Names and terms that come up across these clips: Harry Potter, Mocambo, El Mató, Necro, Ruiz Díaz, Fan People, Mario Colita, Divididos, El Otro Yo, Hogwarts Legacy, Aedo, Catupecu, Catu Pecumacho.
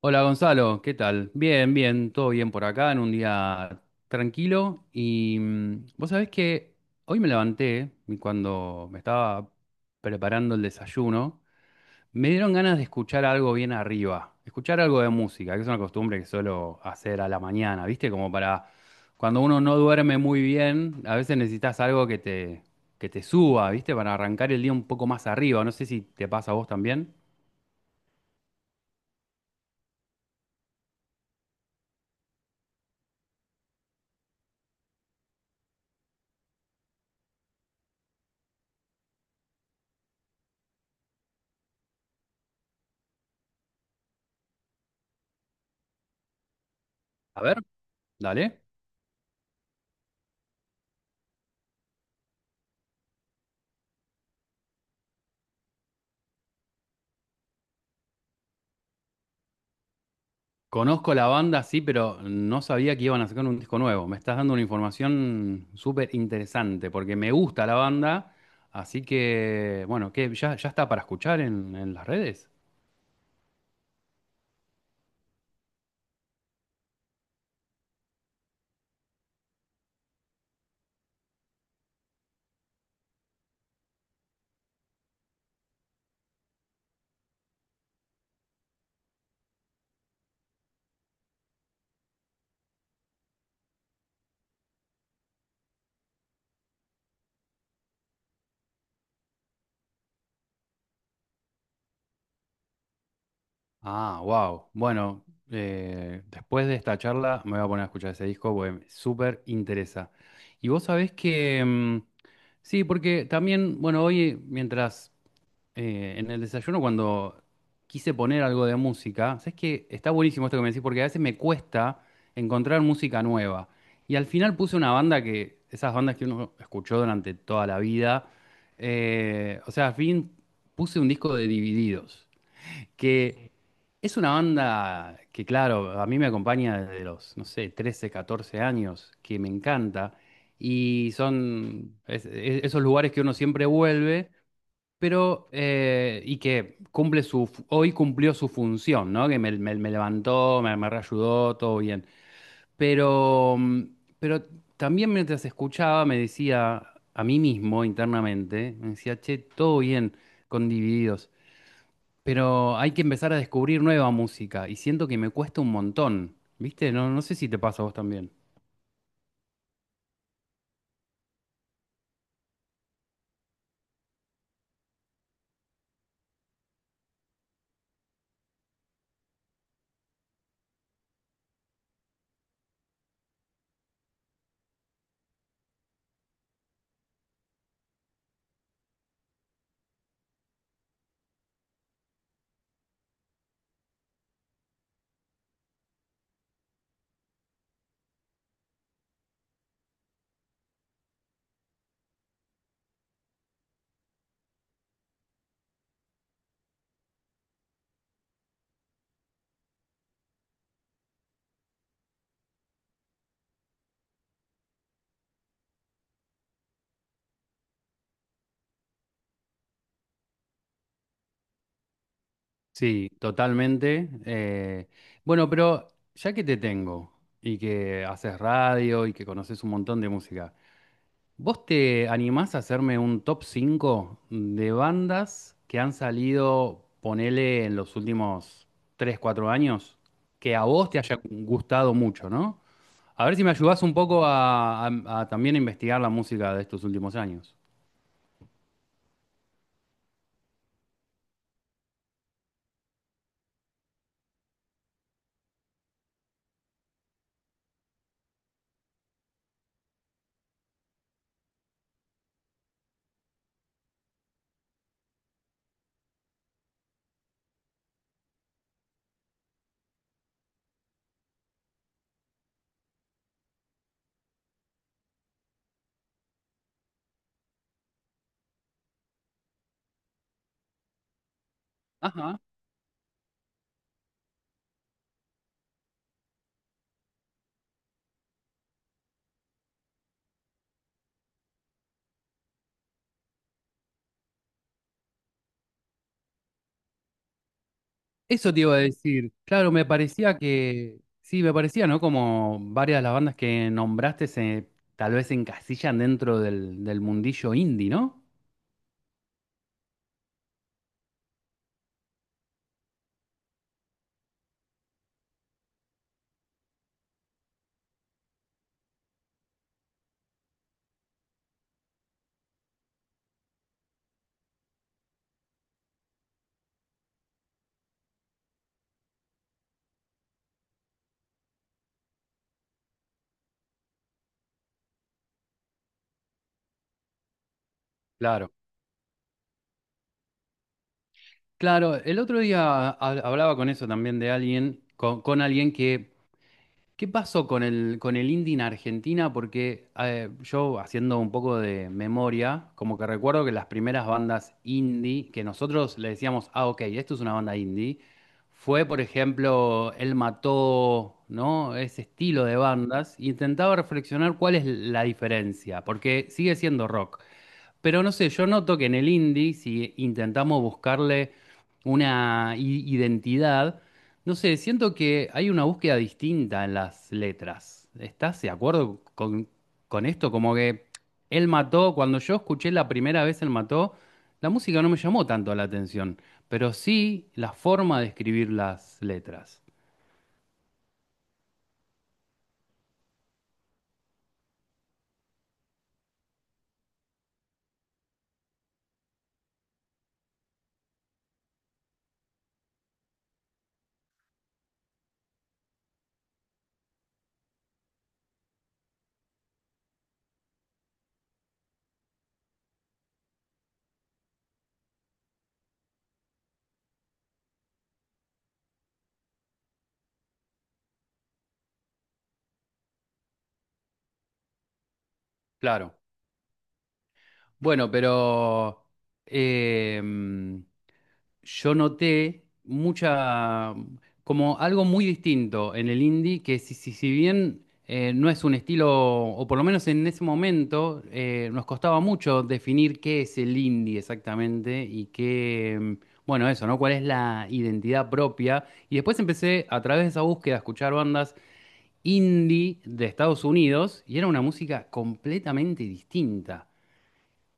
Hola Gonzalo, ¿qué tal? Bien, bien, todo bien por acá, en un día tranquilo. Y vos sabés que hoy me levanté y cuando me estaba preparando el desayuno, me dieron ganas de escuchar algo bien arriba, escuchar algo de música, que es una costumbre que suelo hacer a la mañana, ¿viste? Como para cuando uno no duerme muy bien, a veces necesitas algo que te suba, ¿viste? Para arrancar el día un poco más arriba. No sé si te pasa a vos también. A ver, dale. Conozco la banda, sí, pero no sabía que iban a sacar un disco nuevo. Me estás dando una información súper interesante, porque me gusta la banda, así que, bueno, ¿qué? ¿Ya, ya está para escuchar en las redes? Ah, wow. Bueno, después de esta charla me voy a poner a escuchar ese disco, porque me súper interesa. Y vos sabés que, sí, porque también, bueno, hoy mientras en el desayuno cuando quise poner algo de música, sabes que está buenísimo esto que me decís porque a veces me cuesta encontrar música nueva. Y al final puse una banda que, esas bandas que uno escuchó durante toda la vida, o sea, al fin puse un disco de Divididos, que es una banda que, claro, a mí me acompaña desde los, no sé, 13 14 años, que me encanta. Y son esos lugares que uno siempre vuelve pero y que cumple su, hoy cumplió su función, ¿no? Que me, me levantó, me reayudó, todo bien. Pero, pero también mientras escuchaba me decía a mí mismo internamente, me decía, che, todo bien con Divididos, pero hay que empezar a descubrir nueva música y siento que me cuesta un montón, ¿viste? No sé si te pasa a vos también. Sí, totalmente. Bueno, pero ya que te tengo y que haces radio y que conoces un montón de música, ¿vos te animás a hacerme un top 5 de bandas que han salido, ponele, en los últimos 3 4 años, que a vos te haya gustado mucho, ¿no? A ver si me ayudás un poco a, a también investigar la música de estos últimos años. Eso te iba a decir. Claro, me parecía que, sí, me parecía, ¿no? Como varias de las bandas que nombraste se tal vez se encasillan dentro del, del mundillo indie, ¿no? Claro. Claro, el otro día ha- hablaba con eso también de alguien, con alguien que. ¿Qué pasó con el indie en Argentina? Porque yo haciendo un poco de memoria, como que recuerdo que las primeras bandas indie, que nosotros le decíamos, ah, ok, esto es una banda indie, fue, por ejemplo, El Mató, ¿no? Ese estilo de bandas. Intentaba reflexionar cuál es la diferencia, porque sigue siendo rock. Pero no sé, yo noto que en el indie, si intentamos buscarle una identidad, no sé, siento que hay una búsqueda distinta en las letras. ¿Estás de acuerdo con esto? Como que él mató, cuando yo escuché la primera vez él mató, la música no me llamó tanto la atención, pero sí la forma de escribir las letras. Claro. Bueno, pero... em, yo noté mucha, como algo muy distinto en el indie, que si bien no es un estilo, o por lo menos en ese momento, nos costaba mucho definir qué es el indie exactamente y qué, bueno, eso, ¿no? ¿Cuál es la identidad propia? Y después empecé a través de esa búsqueda a escuchar bandas indie de Estados Unidos y era una música completamente distinta.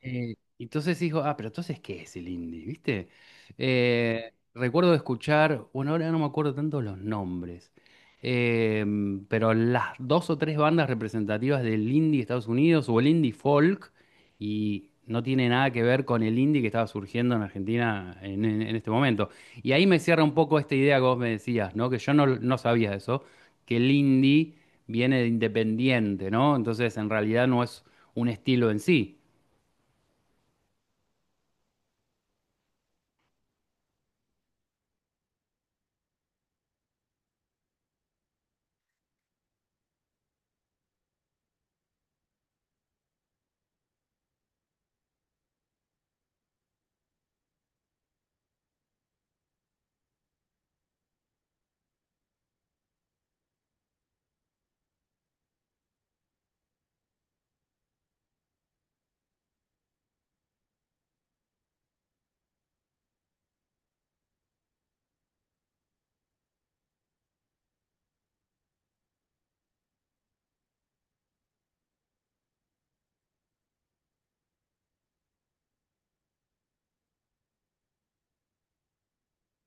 Entonces dijo, ah, pero entonces, ¿qué es el indie? ¿Viste? Recuerdo escuchar, bueno, ahora no me acuerdo tanto los nombres, eh, pero las dos o tres bandas representativas del indie de Estados Unidos o el indie folk, y no tiene nada que ver con el indie que estaba surgiendo en Argentina en, en este momento. Y ahí me cierra un poco esta idea que vos me decías, ¿no? Que yo no sabía eso, que el indie viene de independiente, ¿no? Entonces, en realidad no es un estilo en sí.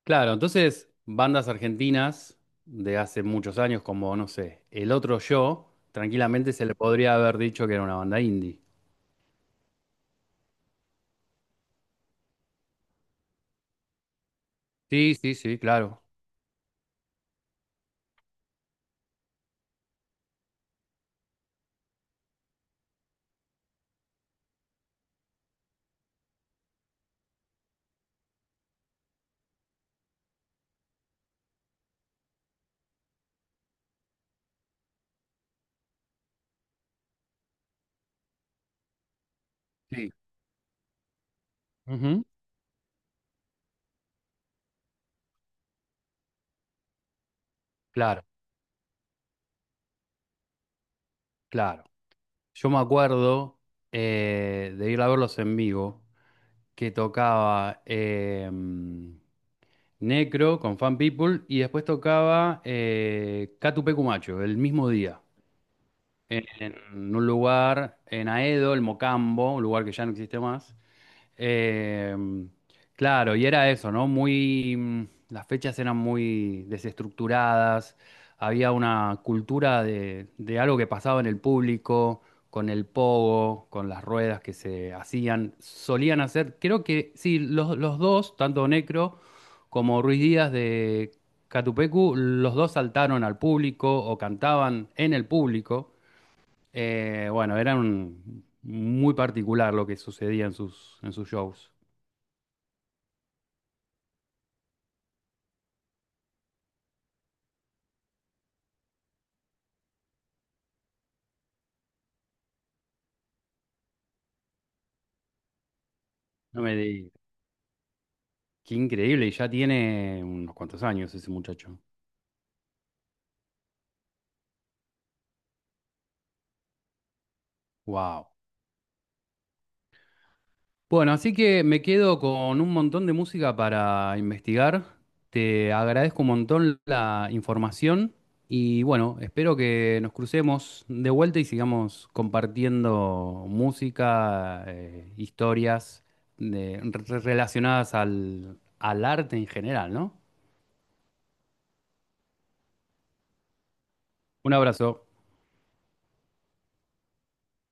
Claro, entonces bandas argentinas de hace muchos años, como no sé, El Otro Yo, tranquilamente se le podría haber dicho que era una banda indie. Sí, sí, sí, claro. Sí. Ujú. Claro, claro. Yo me acuerdo de ir a verlos en vivo, que tocaba Necro con Fan People y después tocaba Catu Pecumacho el mismo día, en un lugar en Aedo, el Mocambo, un lugar que ya no existe más. Eh, claro, y era eso, ¿no? Muy, las fechas eran muy desestructuradas, había una cultura de algo que pasaba en el público, con el pogo, con las ruedas que se hacían, solían hacer, creo que sí, los dos, tanto Necro como Ruiz Díaz de Catupecu, los dos saltaron al público o cantaban en el público. Bueno, era un- muy particular lo que sucedía en sus shows. No me digas. Qué increíble, y ya tiene unos cuantos años ese muchacho. Wow. Bueno, así que me quedo con un montón de música para investigar. Te agradezco un montón la información y bueno, espero que nos crucemos de vuelta y sigamos compartiendo música, historias relacionadas al arte en general, ¿no? Un abrazo.